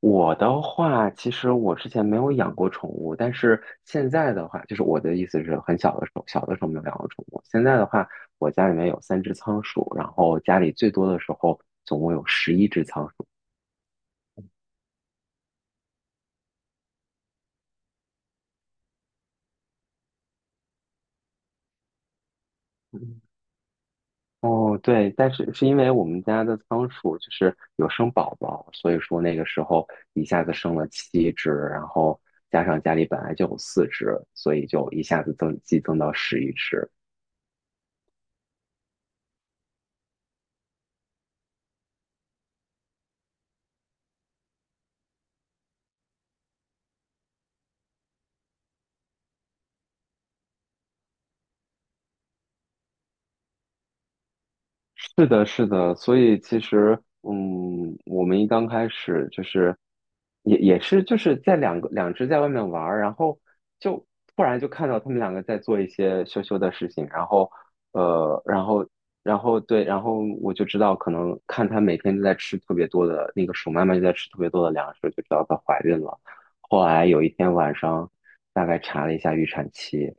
我的话，其实我之前没有养过宠物，但是现在的话，就是我的意思是很小的时候，小的时候没有养过宠物。现在的话，我家里面有3只仓鼠，然后家里最多的时候总共有十一只仓鼠。嗯。哦，对，但是是因为我们家的仓鼠就是有生宝宝，所以说那个时候一下子生了7只，然后加上家里本来就有4只，所以就一下子激增到十一只。是的，是的，所以其实，我们一刚开始就是也是就是在两只在外面玩儿，然后就突然就看到他们两个在做一些羞羞的事情，呃，然后然后，对，然后我就知道可能看它每天都在吃特别多的那个鼠妈妈就在吃特别多的粮食，就知道它怀孕了。后来有一天晚上，大概查了一下预产期，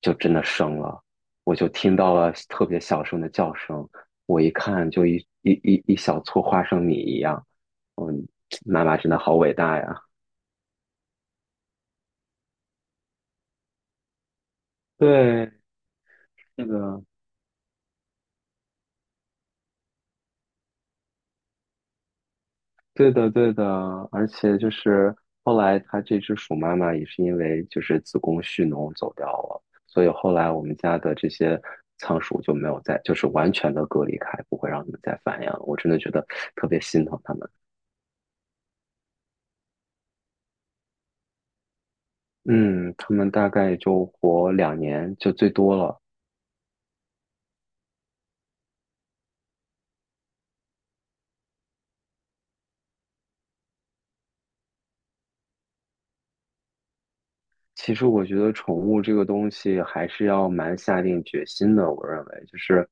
就真的生了，我就听到了特别小声的叫声。我一看就一小撮花生米一样，嗯，妈妈真的好伟大呀！对，那个，对的，对的，而且就是后来它这只鼠妈妈也是因为就是子宫蓄脓走掉了，所以后来我们家的这些仓鼠就没有再就是完全的隔离开，不会让它们再繁衍了。我真的觉得特别心疼它们。嗯，它们大概就活两年就最多了。其实我觉得宠物这个东西还是要蛮下定决心的。我认为就是，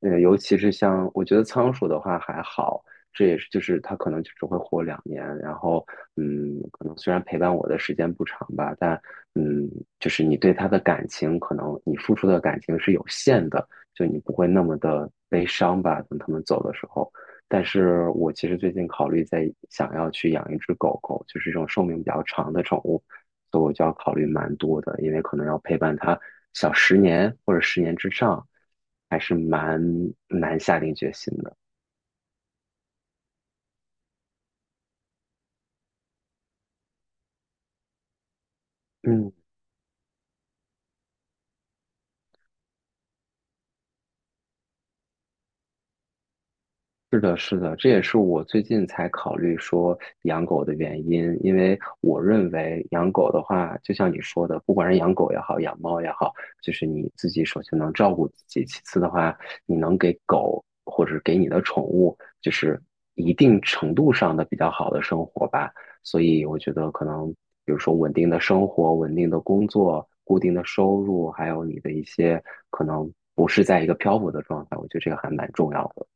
尤其是像我觉得仓鼠的话还好，这也是就是它可能就只会活两年。然后，可能虽然陪伴我的时间不长吧，但嗯，就是你对它的感情，可能你付出的感情是有限的，就你不会那么的悲伤吧。等它们走的时候。但是我其实最近考虑在想要去养一只狗狗，就是这种寿命比较长的宠物，所以我就要考虑蛮多的，因为可能要陪伴它小十年或者十年之上，还是蛮难下定决心的。嗯。是的，是的，这也是我最近才考虑说养狗的原因，因为我认为养狗的话，就像你说的，不管是养狗也好，养猫也好，就是你自己首先能照顾自己，其次的话，你能给狗或者给你的宠物，就是一定程度上的比较好的生活吧。所以我觉得可能，比如说稳定的生活、稳定的工作、固定的收入，还有你的一些可能不是在一个漂泊的状态，我觉得这个还蛮重要的。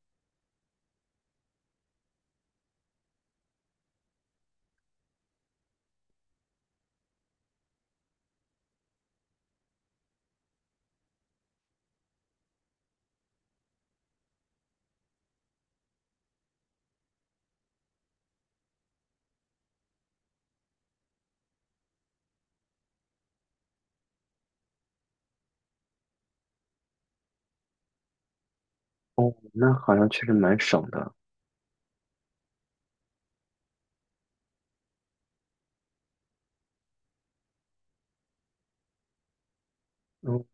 哦，那好像确实蛮省的。嗯，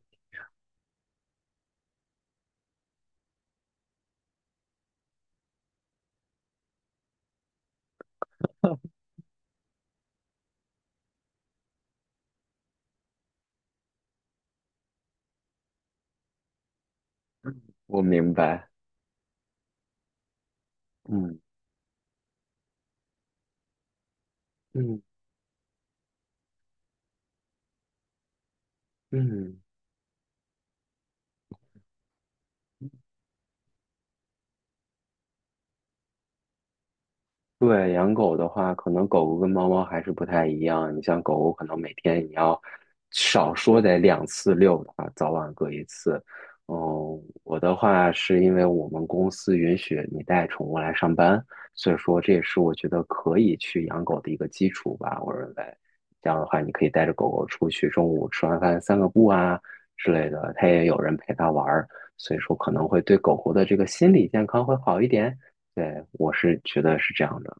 我明白。嗯嗯嗯。对，养狗的话，可能狗狗跟猫猫还是不太一样。你像狗狗，可能每天你要少说得2次遛它，早晚各一次。嗯，我的话是因为我们公司允许你带宠物来上班，所以说这也是我觉得可以去养狗的一个基础吧。我认为这样的话，你可以带着狗狗出去，中午吃完饭散个步啊之类的，它也有人陪它玩儿，所以说可能会对狗狗的这个心理健康会好一点。对，我是觉得是这样的。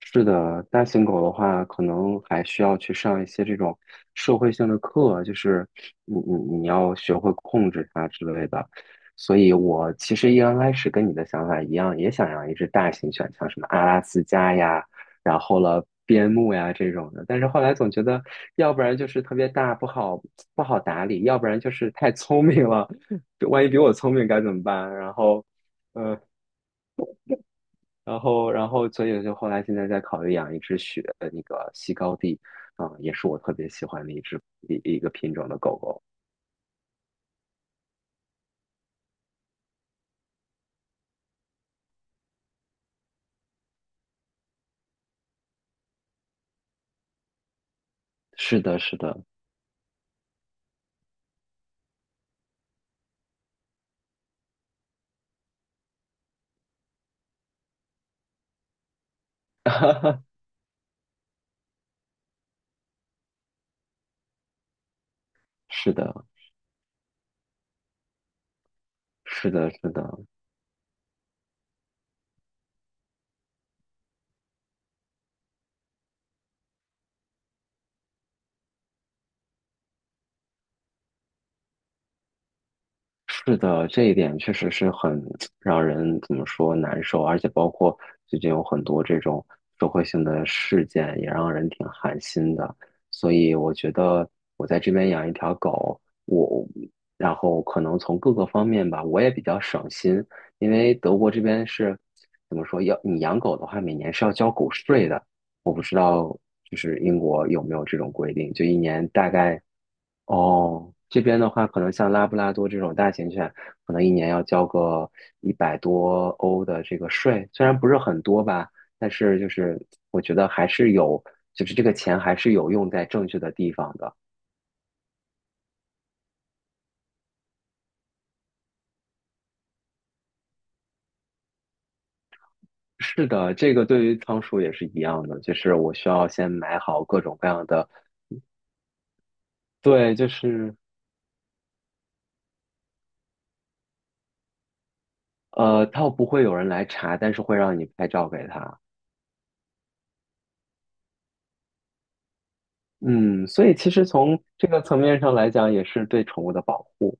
是的，大型狗的话，可能还需要去上一些这种社会性的课，就是你要学会控制它之类的。所以我其实一刚开始跟你的想法一样，也想养一只大型犬，像什么阿拉斯加呀，然后了边牧呀这种的。但是后来总觉得，要不然就是特别大不好打理，要不然就是太聪明了，万一比我聪明该怎么办？然后。呃然后，所以就后来现在在考虑养一只雪，呃那个西高地，啊，也是我特别喜欢的一只一一个品种的狗狗。是的，是的，是的，是的，是的。是的，这一点确实是很 让人怎么说难受，而且包括最近有很多这种社会性的事件，也让人挺寒心的。所以我觉得我在这边养一条狗，我然后可能从各个方面吧，我也比较省心，因为德国这边是怎么说，要你养狗的话，每年是要交狗税的。我不知道就是英国有没有这种规定，就一年大概。哦，这边的话，可能像拉布拉多这种大型犬，可能一年要交个100多欧的这个税，虽然不是很多吧，但是就是我觉得还是有，就是这个钱还是有用在正确的地方的。是的，这个对于仓鼠也是一样的，就是我需要先买好各种各样的，对，就是它不会有人来查，但是会让你拍照给他。嗯，所以其实从这个层面上来讲，也是对宠物的保护。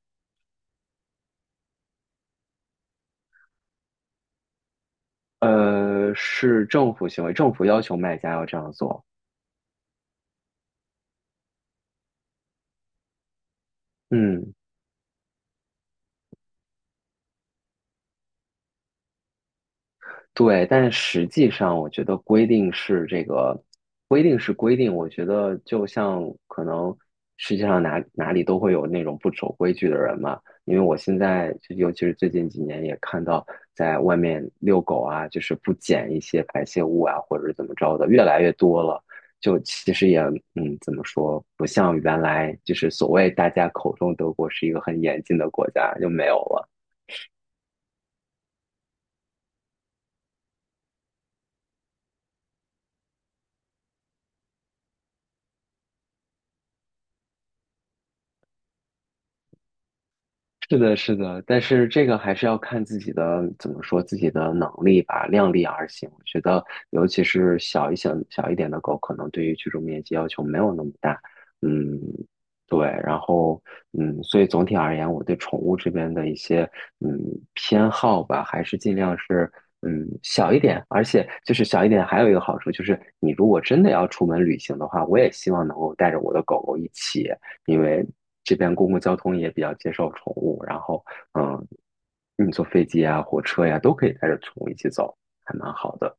是政府行为，政府要求卖家要这样做。嗯，对，但是实际上，我觉得规定是规定。我觉得就像可能世界上哪里都会有那种不守规矩的人嘛。因为我现在就尤其是最近几年也看到，在外面遛狗啊，就是不捡一些排泄物啊，或者是怎么着的，越来越多了。就其实也怎么说，不像原来就是所谓大家口中德国是一个很严谨的国家，就没有了。是的，是的，但是这个还是要看自己的，怎么说，自己的能力吧，量力而行。我觉得，尤其是小一点的狗，可能对于居住面积要求没有那么大。嗯，对，然后所以总体而言，我对宠物这边的一些嗯偏好吧，还是尽量是小一点，而且就是小一点，还有一个好处就是，你如果真的要出门旅行的话，我也希望能够带着我的狗狗一起。因为这边公共交通也比较接受宠物，然后嗯，你坐飞机啊、火车呀、都可以带着宠物一起走，还蛮好的。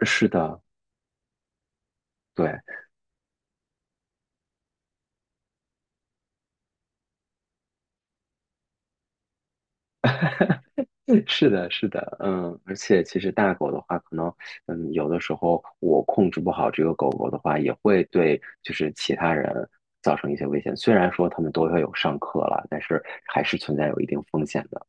是的，对，嗯是的，是的，而且其实大狗的话，可能有的时候我控制不好这个狗狗的话，也会对就是其他人造成一些危险。虽然说他们都要有上课了，但是还是存在有一定风险的。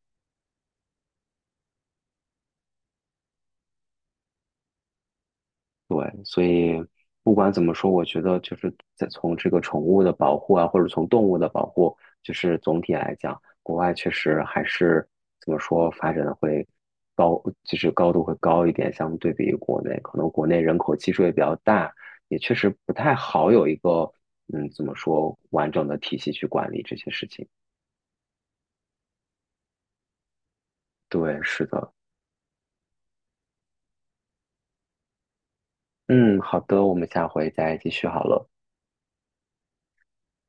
对，所以不管怎么说，我觉得就是在从这个宠物的保护啊，或者从动物的保护，就是总体来讲，国外确实还是怎么说发展的会高，就是高度会高一点，相对比于国内，可能国内人口基数也比较大，也确实不太好有一个怎么说完整的体系去管理这些事情。对，是的，嗯，好的，我们下回再继续好了。